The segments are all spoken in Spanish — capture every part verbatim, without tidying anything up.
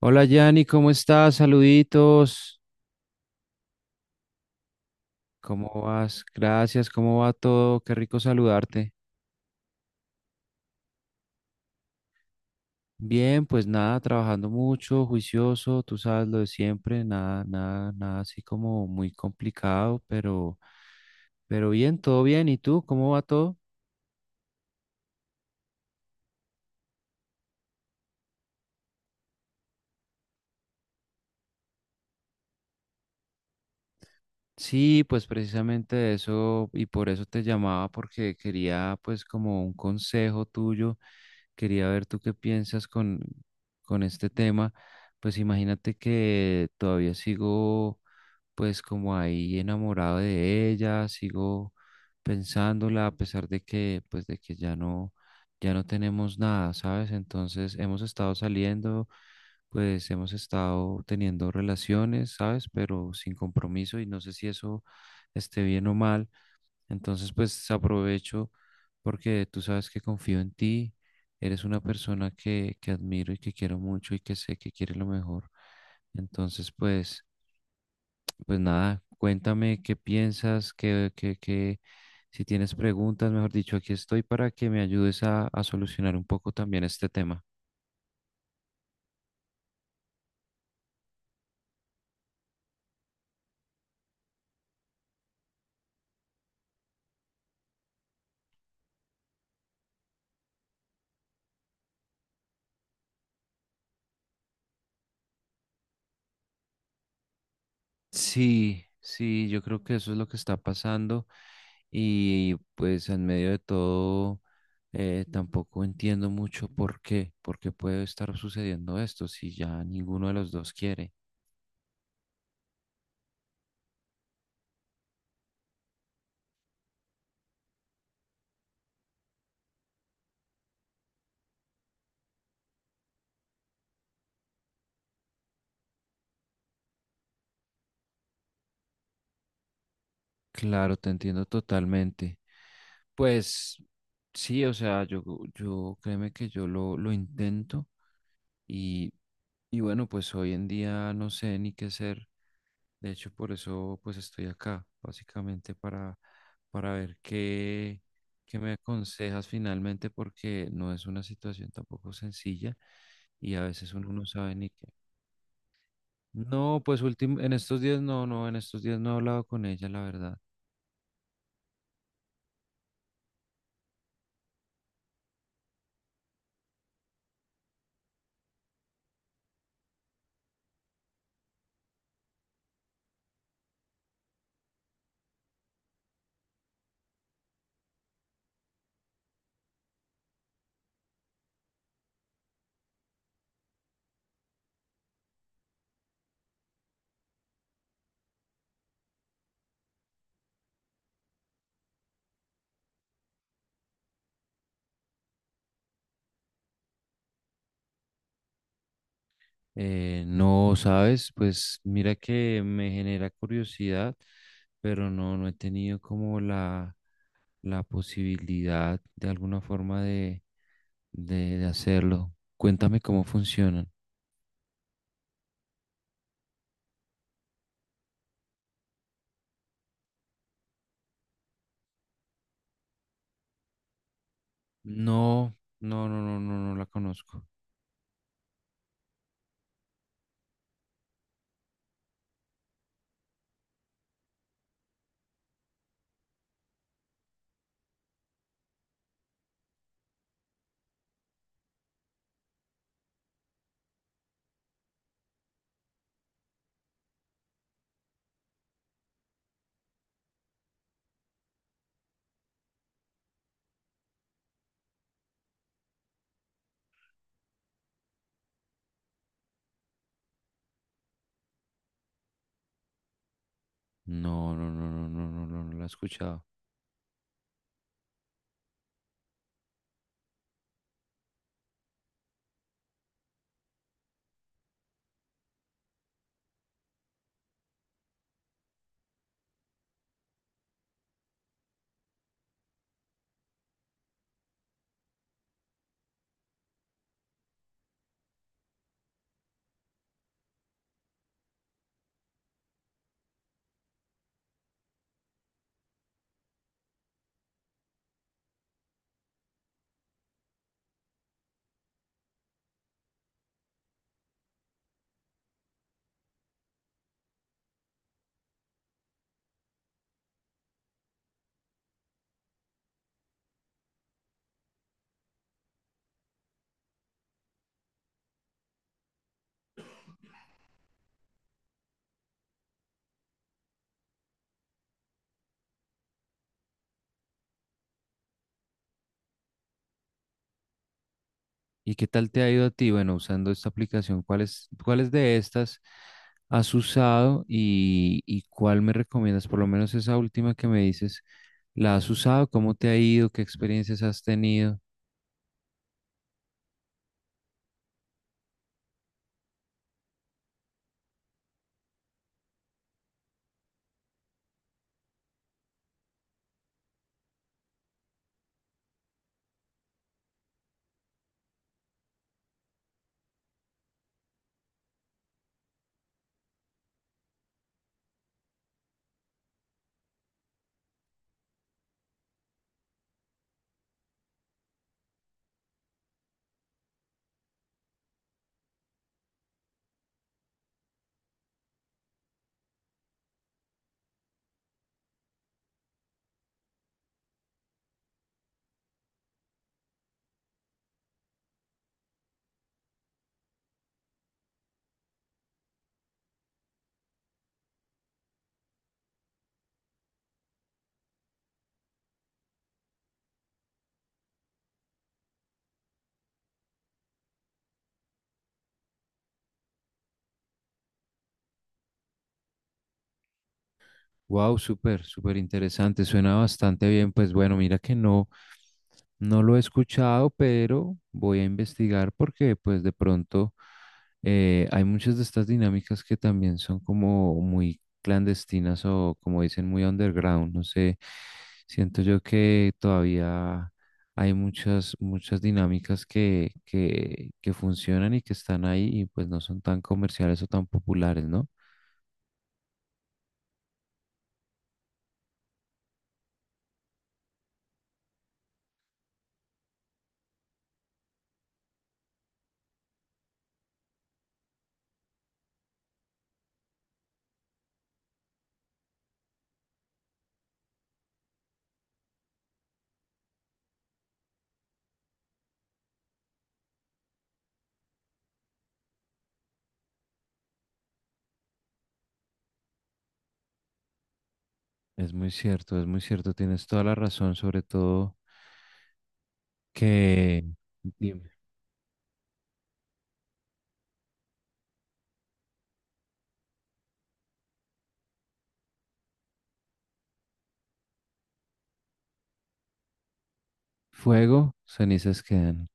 Hola Yanni, ¿cómo estás? Saluditos. ¿Cómo vas? Gracias, ¿cómo va todo? Qué rico saludarte. Bien, pues nada, trabajando mucho, juicioso, tú sabes lo de siempre, nada, nada, nada así como muy complicado, pero, pero bien, todo bien. ¿Y tú? ¿Cómo va todo? Sí, pues precisamente eso, y por eso te llamaba, porque quería pues como un consejo tuyo, quería ver tú qué piensas con, con este tema. Pues imagínate que todavía sigo pues como ahí enamorado de ella, sigo pensándola a pesar de que pues de que ya no ya no tenemos nada, ¿sabes? Entonces hemos estado saliendo, pues hemos estado teniendo relaciones, ¿sabes? Pero sin compromiso y no sé si eso esté bien o mal. Entonces pues aprovecho porque tú sabes que confío en ti. Eres una persona que, que admiro y que quiero mucho y que sé que quiere lo mejor. Entonces, pues, pues nada, cuéntame qué piensas, qué, qué, qué- si tienes preguntas, mejor dicho, aquí estoy para que me ayudes a, a solucionar un poco también este tema. Sí, sí, yo creo que eso es lo que está pasando y pues en medio de todo eh, tampoco entiendo mucho por qué, por qué puede estar sucediendo esto si ya ninguno de los dos quiere. Claro, te entiendo totalmente. Pues sí, o sea, yo, yo créeme que yo lo, lo intento. Y, y bueno, pues hoy en día no sé ni qué hacer. De hecho, por eso pues estoy acá, básicamente para, para ver qué, qué me aconsejas finalmente, porque no es una situación tampoco sencilla y a veces uno no sabe ni qué. No, pues último, en estos días no, no, en estos días no he hablado con ella, la verdad. Eh, no, sabes, pues mira que me genera curiosidad, pero no, no he tenido como la la posibilidad de alguna forma de, de, de hacerlo. Cuéntame cómo funcionan. No, no, no, no, no, no la conozco. No, no, no, no, no, no, no, no la he escuchado. ¿Y qué tal te ha ido a ti? Bueno, usando esta aplicación, ¿cuáles, cuáles de estas has usado y, y cuál me recomiendas? Por lo menos esa última que me dices, ¿la has usado? ¿Cómo te ha ido? ¿Qué experiencias has tenido? Wow, súper, súper interesante. Suena bastante bien. Pues bueno, mira que no. No lo he escuchado, pero voy a investigar porque pues de pronto eh, hay muchas de estas dinámicas que también son como muy clandestinas o como dicen muy underground. No sé, siento yo que todavía hay muchas, muchas dinámicas que, que, que funcionan y que están ahí y pues no son tan comerciales o tan populares, ¿no? Es muy cierto, es muy cierto, tienes toda la razón, sobre todo que. Dime. Fuego, cenizas quedan.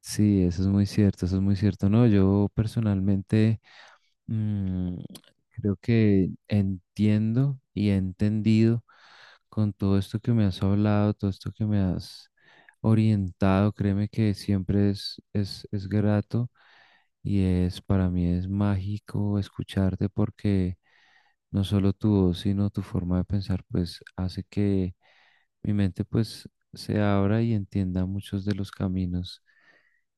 Sí, eso es muy cierto, eso es muy cierto. No, yo personalmente, mm, creo que entiendo y he entendido con todo esto que me has hablado, todo esto que me has orientado. Créeme que siempre es, es, es grato y es para mí es mágico escucharte porque no solo tu voz, sino tu forma de pensar, pues hace que mi mente pues se abra y entienda muchos de los caminos.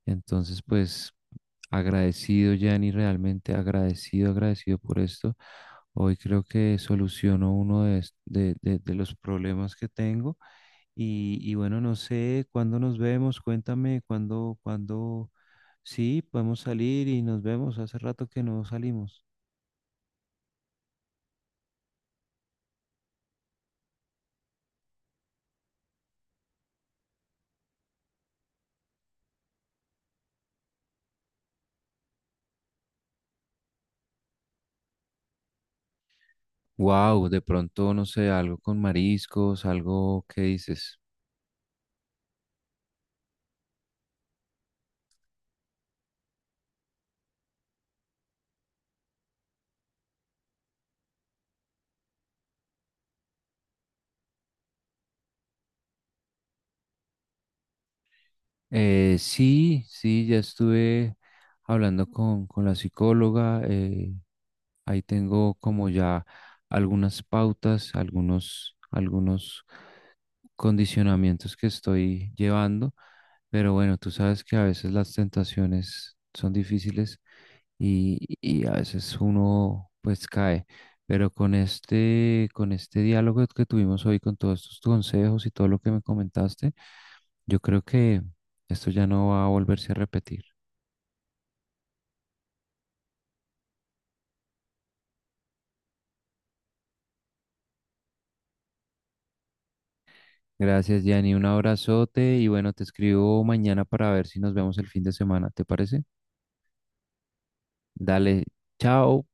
Entonces, pues agradecido, Yanni, realmente agradecido, agradecido por esto. Hoy creo que soluciono uno de, es- de- de- de los problemas que tengo. Y, y bueno, no sé cuándo nos vemos, cuéntame cuándo, cuándo, sí, podemos salir y nos vemos. Hace rato que no salimos. Wow, de pronto, no sé, algo con mariscos, algo, ¿qué dices? Eh, sí, sí, ya estuve hablando con, con la psicóloga. eh, Ahí tengo como ya algunas pautas, algunos, algunos condicionamientos que estoy llevando, pero bueno, tú sabes que a veces las tentaciones son difíciles y, y a veces uno pues cae, pero con este, con este diálogo que tuvimos hoy, con todos estos consejos y todo lo que me comentaste, yo creo que esto ya no va a volverse a repetir. Gracias, Yanni. Un abrazote y bueno, te escribo mañana para ver si nos vemos el fin de semana. ¿Te parece? Dale, chao.